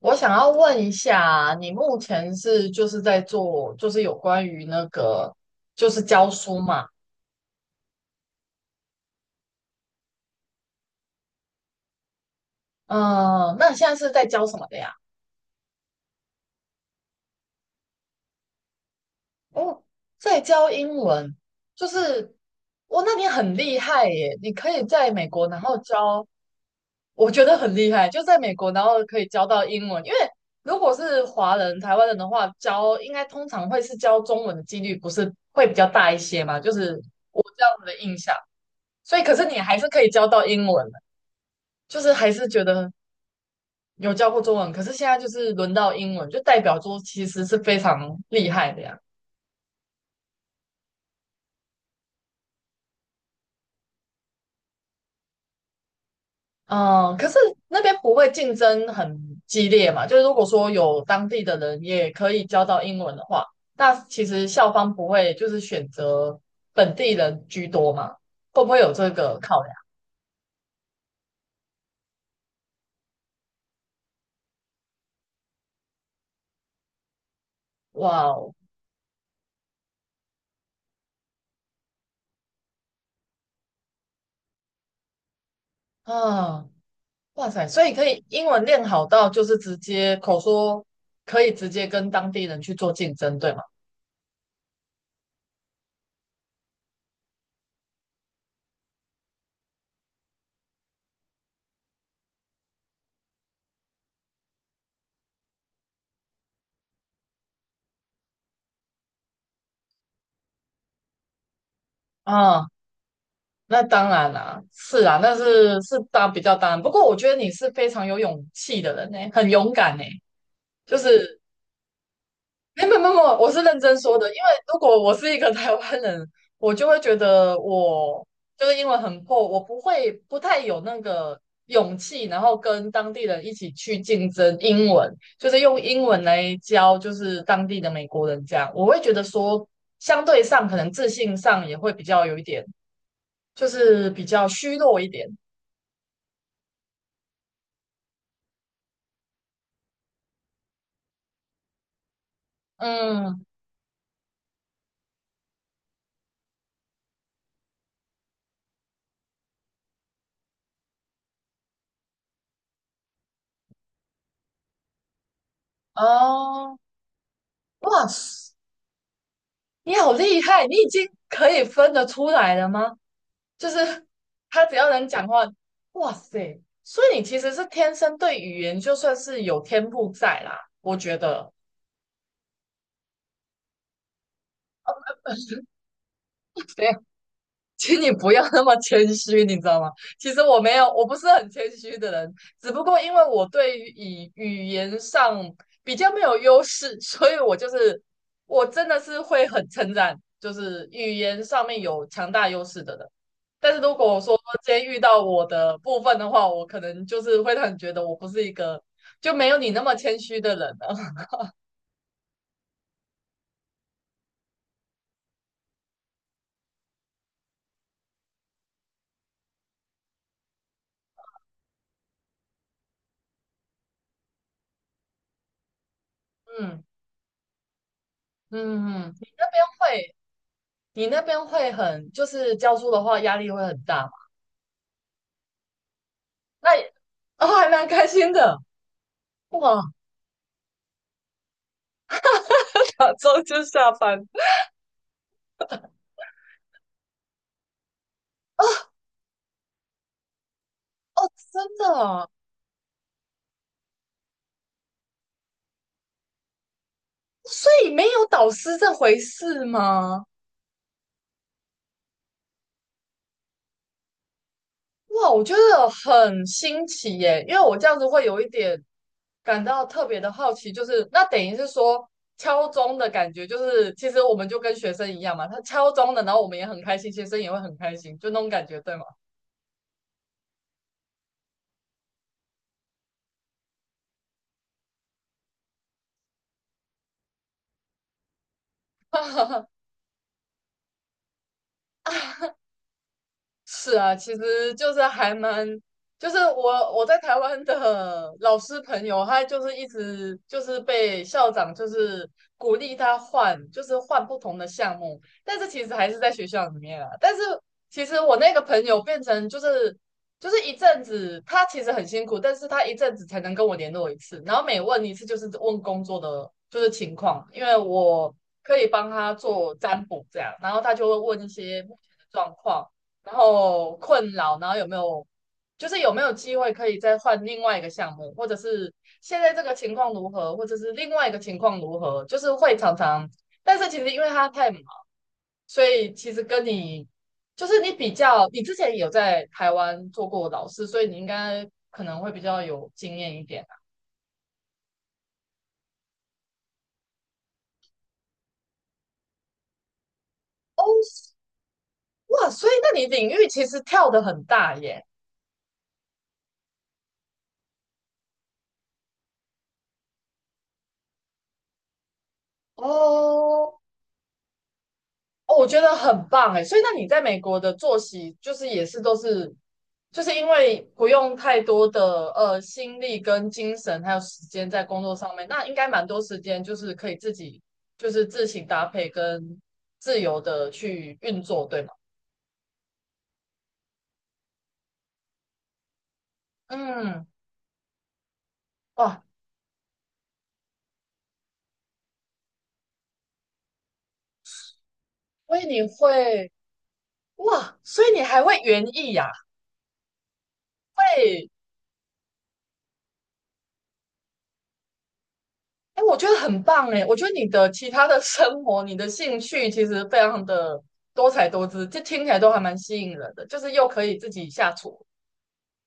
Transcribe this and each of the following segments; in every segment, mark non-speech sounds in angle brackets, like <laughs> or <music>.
我想要问一下，你目前是在做，就是有关于教书嘛？嗯、那你现在是在教什么的呀？哦，在教英文，就是我、那你很厉害耶！你可以在美国然后教，我觉得很厉害，就在美国然后可以教到英文，因为如果是华人、台湾人的话，教应该通常会是教中文的几率不是会比较大一些嘛，就是这样子的印象。所以，可是你还是可以教到英文。就是还是觉得有教过中文，可是现在就是轮到英文，就代表说其实是非常厉害的呀。嗯，可是那边不会竞争很激烈嘛？就是如果说有当地的人也可以教到英文的话，那其实校方不会就是选择本地人居多嘛？会不会有这个考量？哇哦，啊，哇塞！所以可以英文练好到就是直接口说，可以直接跟当地人去做竞争，对吗？啊。那当然啦、是啊，那是当比较当然。不过我觉得你是非常有勇气的人呢、很勇敢呢、就是没，我是认真说的，因为如果我是一个 <laughs> 台湾人，我就会觉得我就是英文很破，我不会不太有那个勇气，然后跟当地人一起去竞争英文，就是用英文来教就是当地的美国人这样，我会觉得说相对上可能自信上也会比较有一点，就是比较虚弱一点。嗯，哦，哇塞，你好厉害！你已经可以分得出来了吗？就是他只要能讲话，哇塞！所以你其实是天生对语言就算是有天赋在啦，我觉得。对。请你不要那么谦虚，你知道吗？其实我没有，我不是很谦虚的人，只不过因为我对于语言上比较没有优势，所以我真的是会很称赞，就是语言上面有强大优势的人。但是如果说今天遇到我的部分的话，我可能就是会让你觉得我不是一个就没有你那么谦虚的人了。<laughs> 嗯嗯，会，你那边会很，就是教书的话压力会很大嘛？那哦，还蛮开心的，哇，两周就下班。真的啊，所以没有导师这回事吗？哇，我觉得很新奇耶，因为我这样子会有一点感到特别的好奇，就是那等于是说敲钟的感觉，就是其实我们就跟学生一样嘛，他敲钟的，然后我们也很开心，学生也会很开心，就那种感觉，对吗？<laughs> 是啊，其实就是还蛮，就是我在台湾的老师朋友，他就是一直就是被校长就是鼓励他换，就是换不同的项目，但是其实还是在学校里面啊。但是其实我那个朋友变成就是一阵子，他其实很辛苦，但是他一阵子才能跟我联络一次，然后每问一次就是问工作的就是情况，因为我可以帮他做占卜这样，然后他就会问一些目前的状况。然后困扰，然后有没有机会可以再换另外一个项目，或者是现在这个情况如何，或者是另外一个情况如何，就是会常常，但是其实因为他太忙，所以其实跟你就是你比较，你之前也有在台湾做过老师，所以你应该可能会比较有经验一点啊。哦，哇，所以那你领域其实跳得很大耶。哦，哦，我觉得很棒哎，所以那你在美国的作息就是也是都是，就是因为不用太多的心力跟精神还有时间在工作上面，那应该蛮多时间就是可以自己就是自行搭配跟自由的去运作，对吗？嗯，哇，所以你会哇，所以你还会园艺呀、会。哎，我觉得很棒哎！我觉得你的其他的生活、你的兴趣其实非常的多彩多姿，这听起来都还蛮吸引人的。就是又可以自己下厨，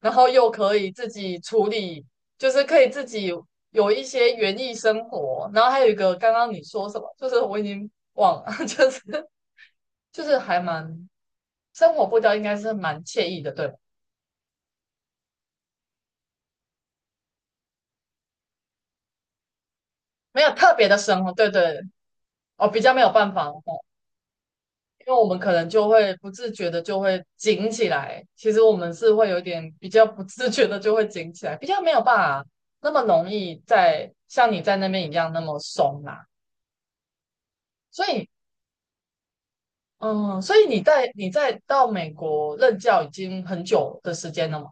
然后又可以自己处理，就是可以自己有一些园艺生活。然后还有一个，刚刚你说什么？就是我已经忘了，<laughs> 还蛮生活步调应该是蛮惬意的，对，没有特别的生活，对对哦，比较没有办法哦，因为我们可能就会不自觉的就会紧起来，其实我们是会有点比较不自觉的就会紧起来，比较没有办法那么容易在像你在那边一样那么松啦、所以，嗯，所以你在到美国任教已经很久的时间了吗？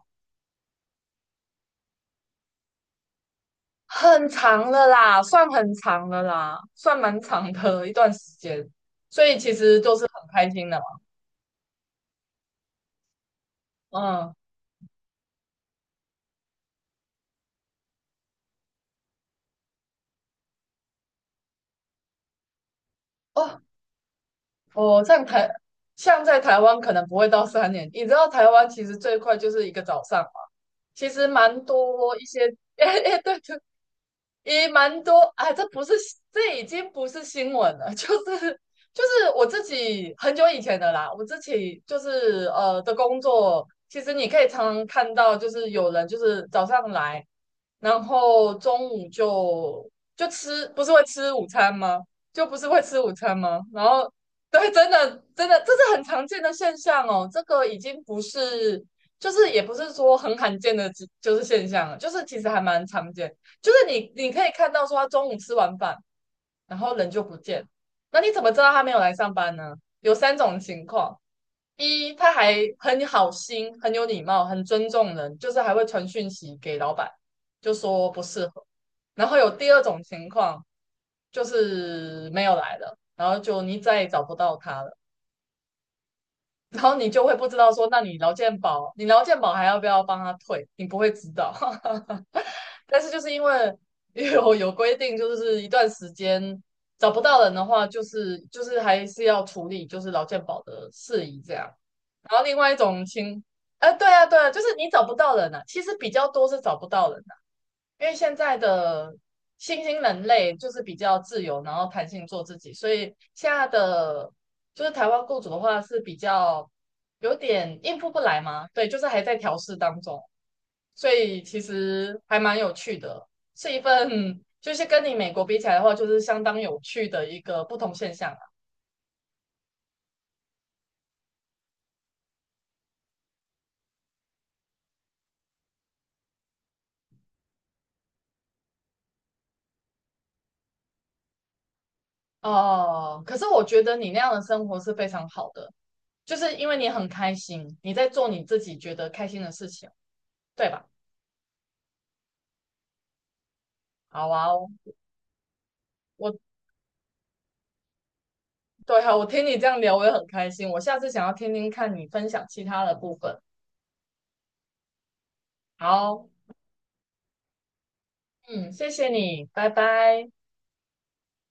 很长了啦，算很长了啦，算蛮长的一段时间。所以其实都是很开心的嘛。嗯，哦，哦，像在台湾可能不会到三年，你知道台湾其实最快就是一个早上嘛，其实蛮多一些，<laughs> 哎哎对对，也蛮多啊，这已经不是新闻了，<laughs> 就是就是我自己很久以前的啦，我自己就是的工作，其实你可以常常看到，就是有人就是早上来，然后中午就就吃，不是会吃午餐吗？就不是会吃午餐吗？然后对，真的真的，这是很常见的现象哦。这个已经不是，就是也不是说很罕见的，就是现象了，就是其实还蛮常见。就是你可以看到说，他中午吃完饭，然后人就不见。那你怎么知道他没有来上班呢？有三种情况：一，他还很好心、很有礼貌、很尊重人，就是还会传讯息给老板，就说不适合。然后有第二种情况，就是没有来了，然后就你再也找不到他了，然后你就会不知道说，那你劳健保，你劳健保还要不要帮他退？你不会知道。<laughs> 但是就是因为 <laughs> 有规定，就是一段时间找不到人的话，就是还是要处理就是劳健保的事宜这样。然后另外一种情，对啊，对啊，就是你找不到人啊，其实比较多是找不到人。因为现在的新兴人类就是比较自由，然后弹性做自己，所以现在的就是台湾雇主的话是比较有点应付不来嘛，对，就是还在调试当中，所以其实还蛮有趣的，是一份就是跟你美国比起来的话，就是相当有趣的一个不同现象啊。哦，可是我觉得你那样的生活是非常好的，就是因为你很开心，你在做你自己觉得开心的事情，对吧？好啊哦。我对哈，我听你这样聊，我也很开心。我下次想要听听看你分享其他的部分。好，嗯，谢谢你，拜拜。